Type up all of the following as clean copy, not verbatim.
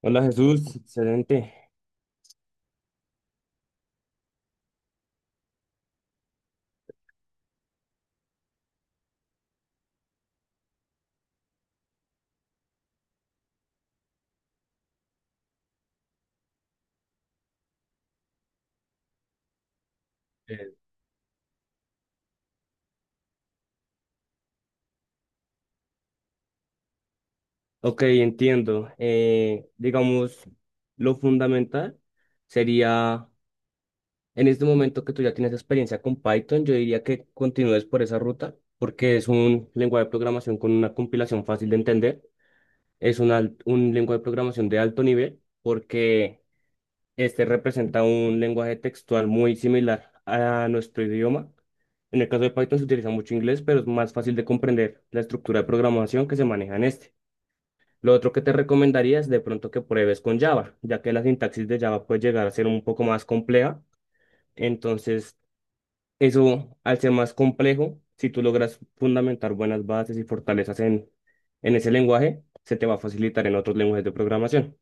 Hola Jesús, excelente. Ok, entiendo. Digamos, lo fundamental sería, en este momento que tú ya tienes experiencia con Python, yo diría que continúes por esa ruta, porque es un lenguaje de programación con una compilación fácil de entender. Es un lenguaje de programación de alto nivel, porque este representa un lenguaje textual muy similar a nuestro idioma. En el caso de Python se utiliza mucho inglés, pero es más fácil de comprender la estructura de programación que se maneja en este. Lo otro que te recomendaría es de pronto que pruebes con Java, ya que la sintaxis de Java puede llegar a ser un poco más compleja. Entonces, eso al ser más complejo, si tú logras fundamentar buenas bases y fortalezas en ese lenguaje, se te va a facilitar en otros lenguajes de programación.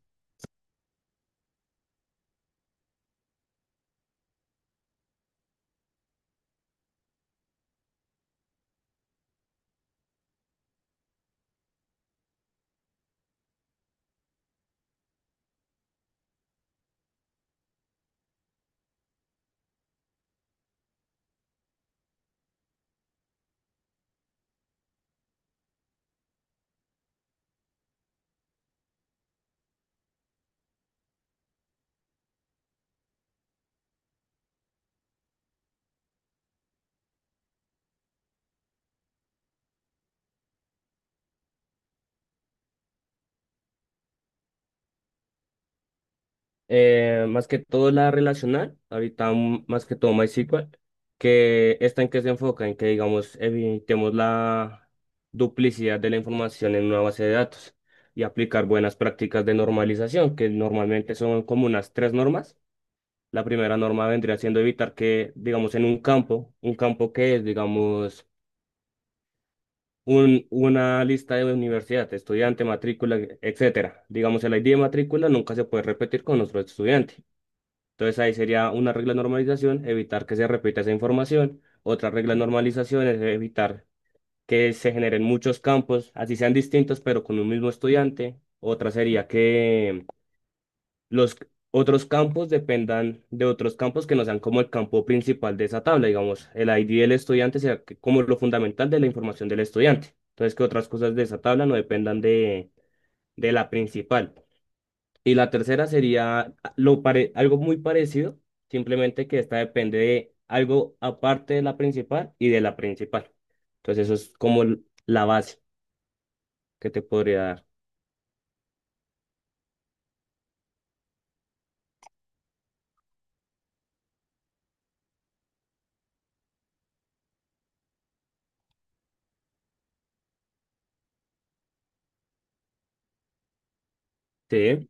Más que todo la relacional, ahorita más que todo MySQL, que esta en que se enfoca, en que digamos evitemos la duplicidad de la información en una base de datos y aplicar buenas prácticas de normalización, que normalmente son como unas tres normas. La primera norma vendría siendo evitar que, digamos, en un campo que es, digamos, una lista de universidad, estudiante, matrícula, etcétera. Digamos, el ID de matrícula nunca se puede repetir con otro estudiante. Entonces ahí sería una regla de normalización, evitar que se repita esa información. Otra regla de normalización es evitar que se generen muchos campos, así sean distintos, pero con un mismo estudiante. Otra sería que los otros campos dependan de otros campos que no sean como el campo principal de esa tabla, digamos, el ID del estudiante sea como lo fundamental de la información del estudiante. Entonces que otras cosas de esa tabla no dependan de la principal. Y la tercera sería algo muy parecido, simplemente que esta depende de algo aparte de la principal y de la principal. Entonces eso es como la base que te podría dar. Sí.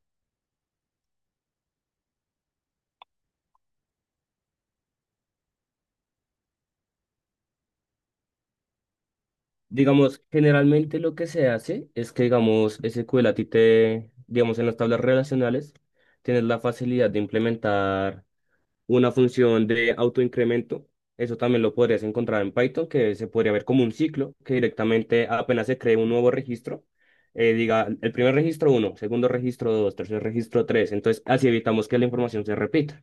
Digamos, generalmente lo que se hace es que, digamos, SQL a ti te, digamos, en las tablas relacionales, tienes la facilidad de implementar una función de autoincremento. Eso también lo podrías encontrar en Python, que se podría ver como un ciclo, que directamente apenas se cree un nuevo registro, diga: el primer registro uno, segundo registro dos, tercer registro tres. Entonces, así evitamos que la información se repita.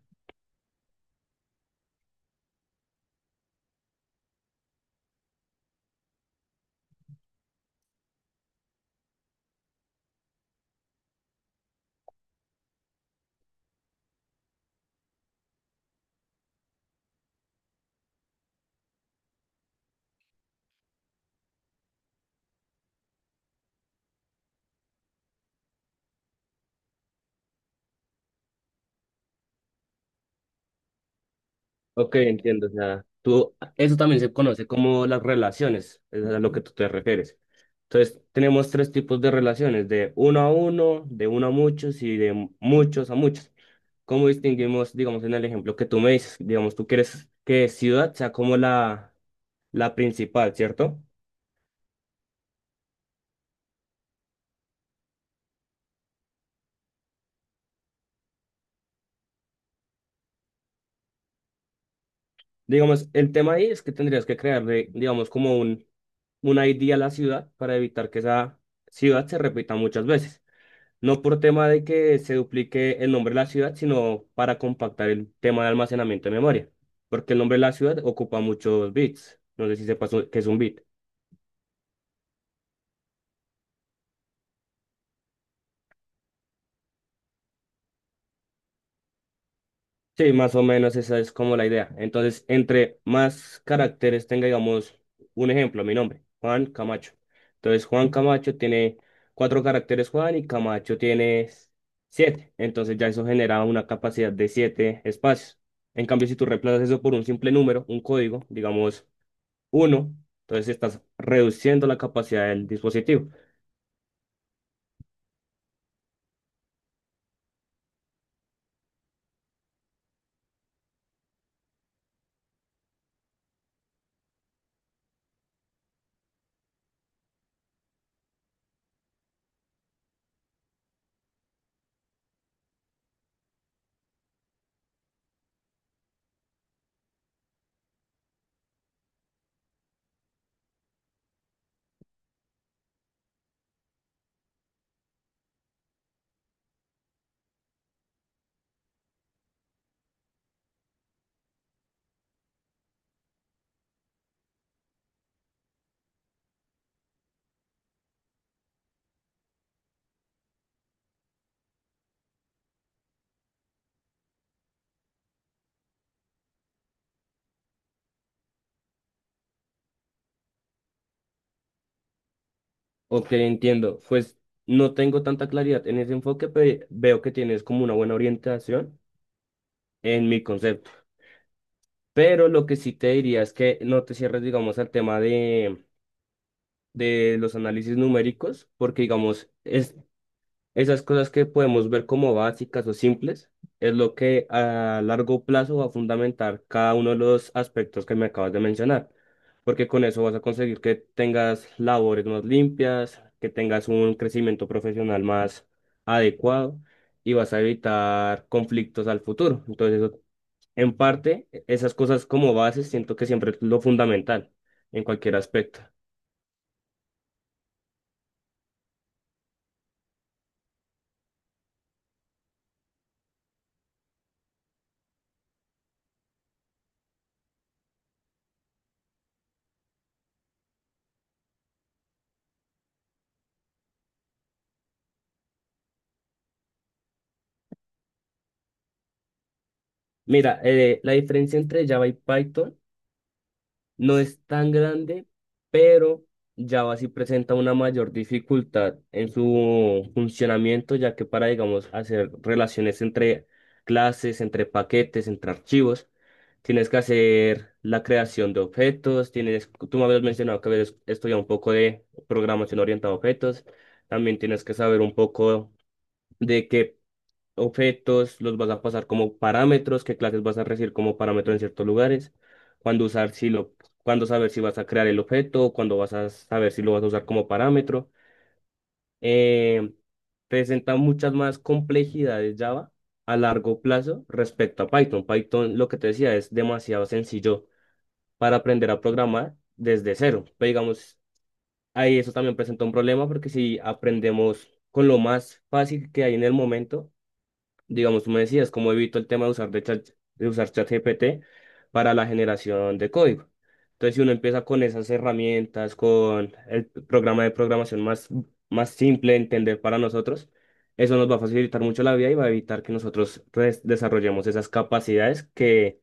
Ok, entiendo. O sea, tú, eso también se conoce como las relaciones, es a lo que tú te refieres. Entonces, tenemos tres tipos de relaciones, de uno a uno, de uno a muchos y de muchos a muchos. ¿Cómo distinguimos, digamos, en el ejemplo que tú me dices? Digamos, tú quieres que ciudad sea como la principal, ¿cierto? Digamos, el tema ahí es que tendrías que crearle, digamos, como un ID a la ciudad para evitar que esa ciudad se repita muchas veces. No por tema de que se duplique el nombre de la ciudad, sino para compactar el tema de almacenamiento de memoria, porque el nombre de la ciudad ocupa muchos bits. No sé si sepas lo que es un bit. Sí, más o menos esa es como la idea. Entonces, entre más caracteres tenga, digamos, un ejemplo, mi nombre, Juan Camacho. Entonces, Juan Camacho tiene cuatro caracteres, Juan, y Camacho tiene siete. Entonces, ya eso genera una capacidad de siete espacios. En cambio, si tú reemplazas eso por un simple número, un código, digamos uno, entonces estás reduciendo la capacidad del dispositivo. Ok, entiendo. Pues no tengo tanta claridad en ese enfoque, pero veo que tienes como una buena orientación, en mi concepto. Pero lo que sí te diría es que no te cierres, digamos, al tema de los análisis numéricos, porque, digamos, esas cosas que podemos ver como básicas o simples, es lo que a largo plazo va a fundamentar cada uno de los aspectos que me acabas de mencionar, porque con eso vas a conseguir que tengas labores más limpias, que tengas un crecimiento profesional más adecuado y vas a evitar conflictos al futuro. Entonces, eso en parte, esas cosas como bases siento que siempre es lo fundamental en cualquier aspecto. Mira, la diferencia entre Java y Python no es tan grande, pero Java sí presenta una mayor dificultad en su funcionamiento, ya que para, digamos, hacer relaciones entre clases, entre paquetes, entre archivos, tienes que hacer la creación de objetos, tú me habías mencionado que habías estudiado un poco de programación orientada a objetos. También tienes que saber un poco de qué objetos los vas a pasar como parámetros, qué clases vas a recibir como parámetros en ciertos lugares, cuándo usar si lo, cuándo saber si vas a crear el objeto, cuándo vas a saber si lo vas a usar como parámetro. Eh, Presenta muchas más complejidades Java a largo plazo respecto a Python. Python, lo que te decía, es demasiado sencillo para aprender a programar desde cero. Pero digamos, ahí eso también presenta un problema porque si aprendemos con lo más fácil que hay en el momento, digamos, tú me decías, cómo evito el tema de usar ChatGPT para la generación de código. Entonces, si uno empieza con esas herramientas, con el programa de programación más simple de entender para nosotros, eso nos va a facilitar mucho la vida y va a evitar que nosotros pues, desarrollemos esas capacidades que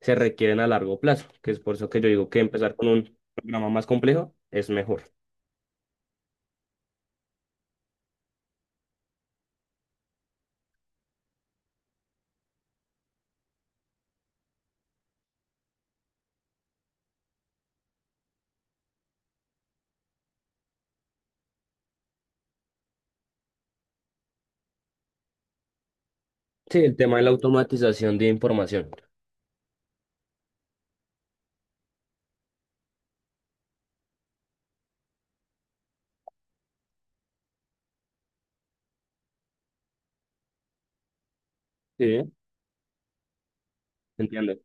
se requieren a largo plazo, que es por eso que yo digo que empezar con un programa más complejo es mejor. Sí, el tema de la automatización de información. Sí. ¿Entiendes?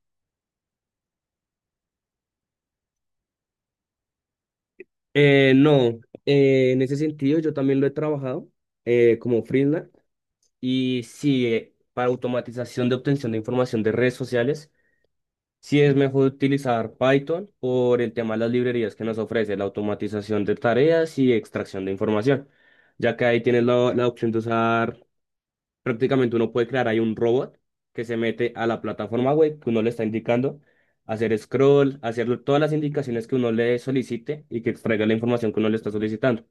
No, en ese sentido yo también lo he trabajado como freelance y sí, para automatización de obtención de información de redes sociales, sí es mejor utilizar Python por el tema de las librerías que nos ofrece la automatización de tareas y extracción de información, ya que ahí tienes la opción de usar, prácticamente uno puede crear ahí un robot que se mete a la plataforma web que uno le está indicando, hacer scroll, hacer todas las indicaciones que uno le solicite y que extraiga la información que uno le está solicitando.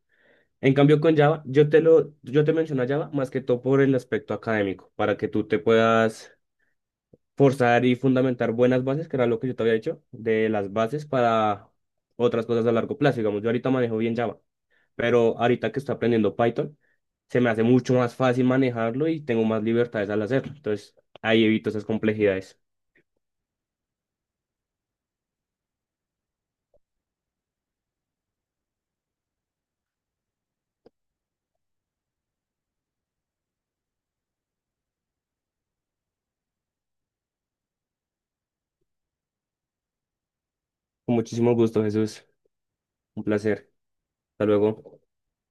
En cambio, con Java, yo te menciono a Java más que todo por el aspecto académico, para que tú te puedas forzar y fundamentar buenas bases, que era lo que yo te había dicho, de las bases para otras cosas a largo plazo. Digamos, yo ahorita manejo bien Java, pero ahorita que estoy aprendiendo Python, se me hace mucho más fácil manejarlo y tengo más libertades al hacerlo. Entonces, ahí evito esas complejidades. Con muchísimo gusto, Jesús. Un placer. Hasta luego.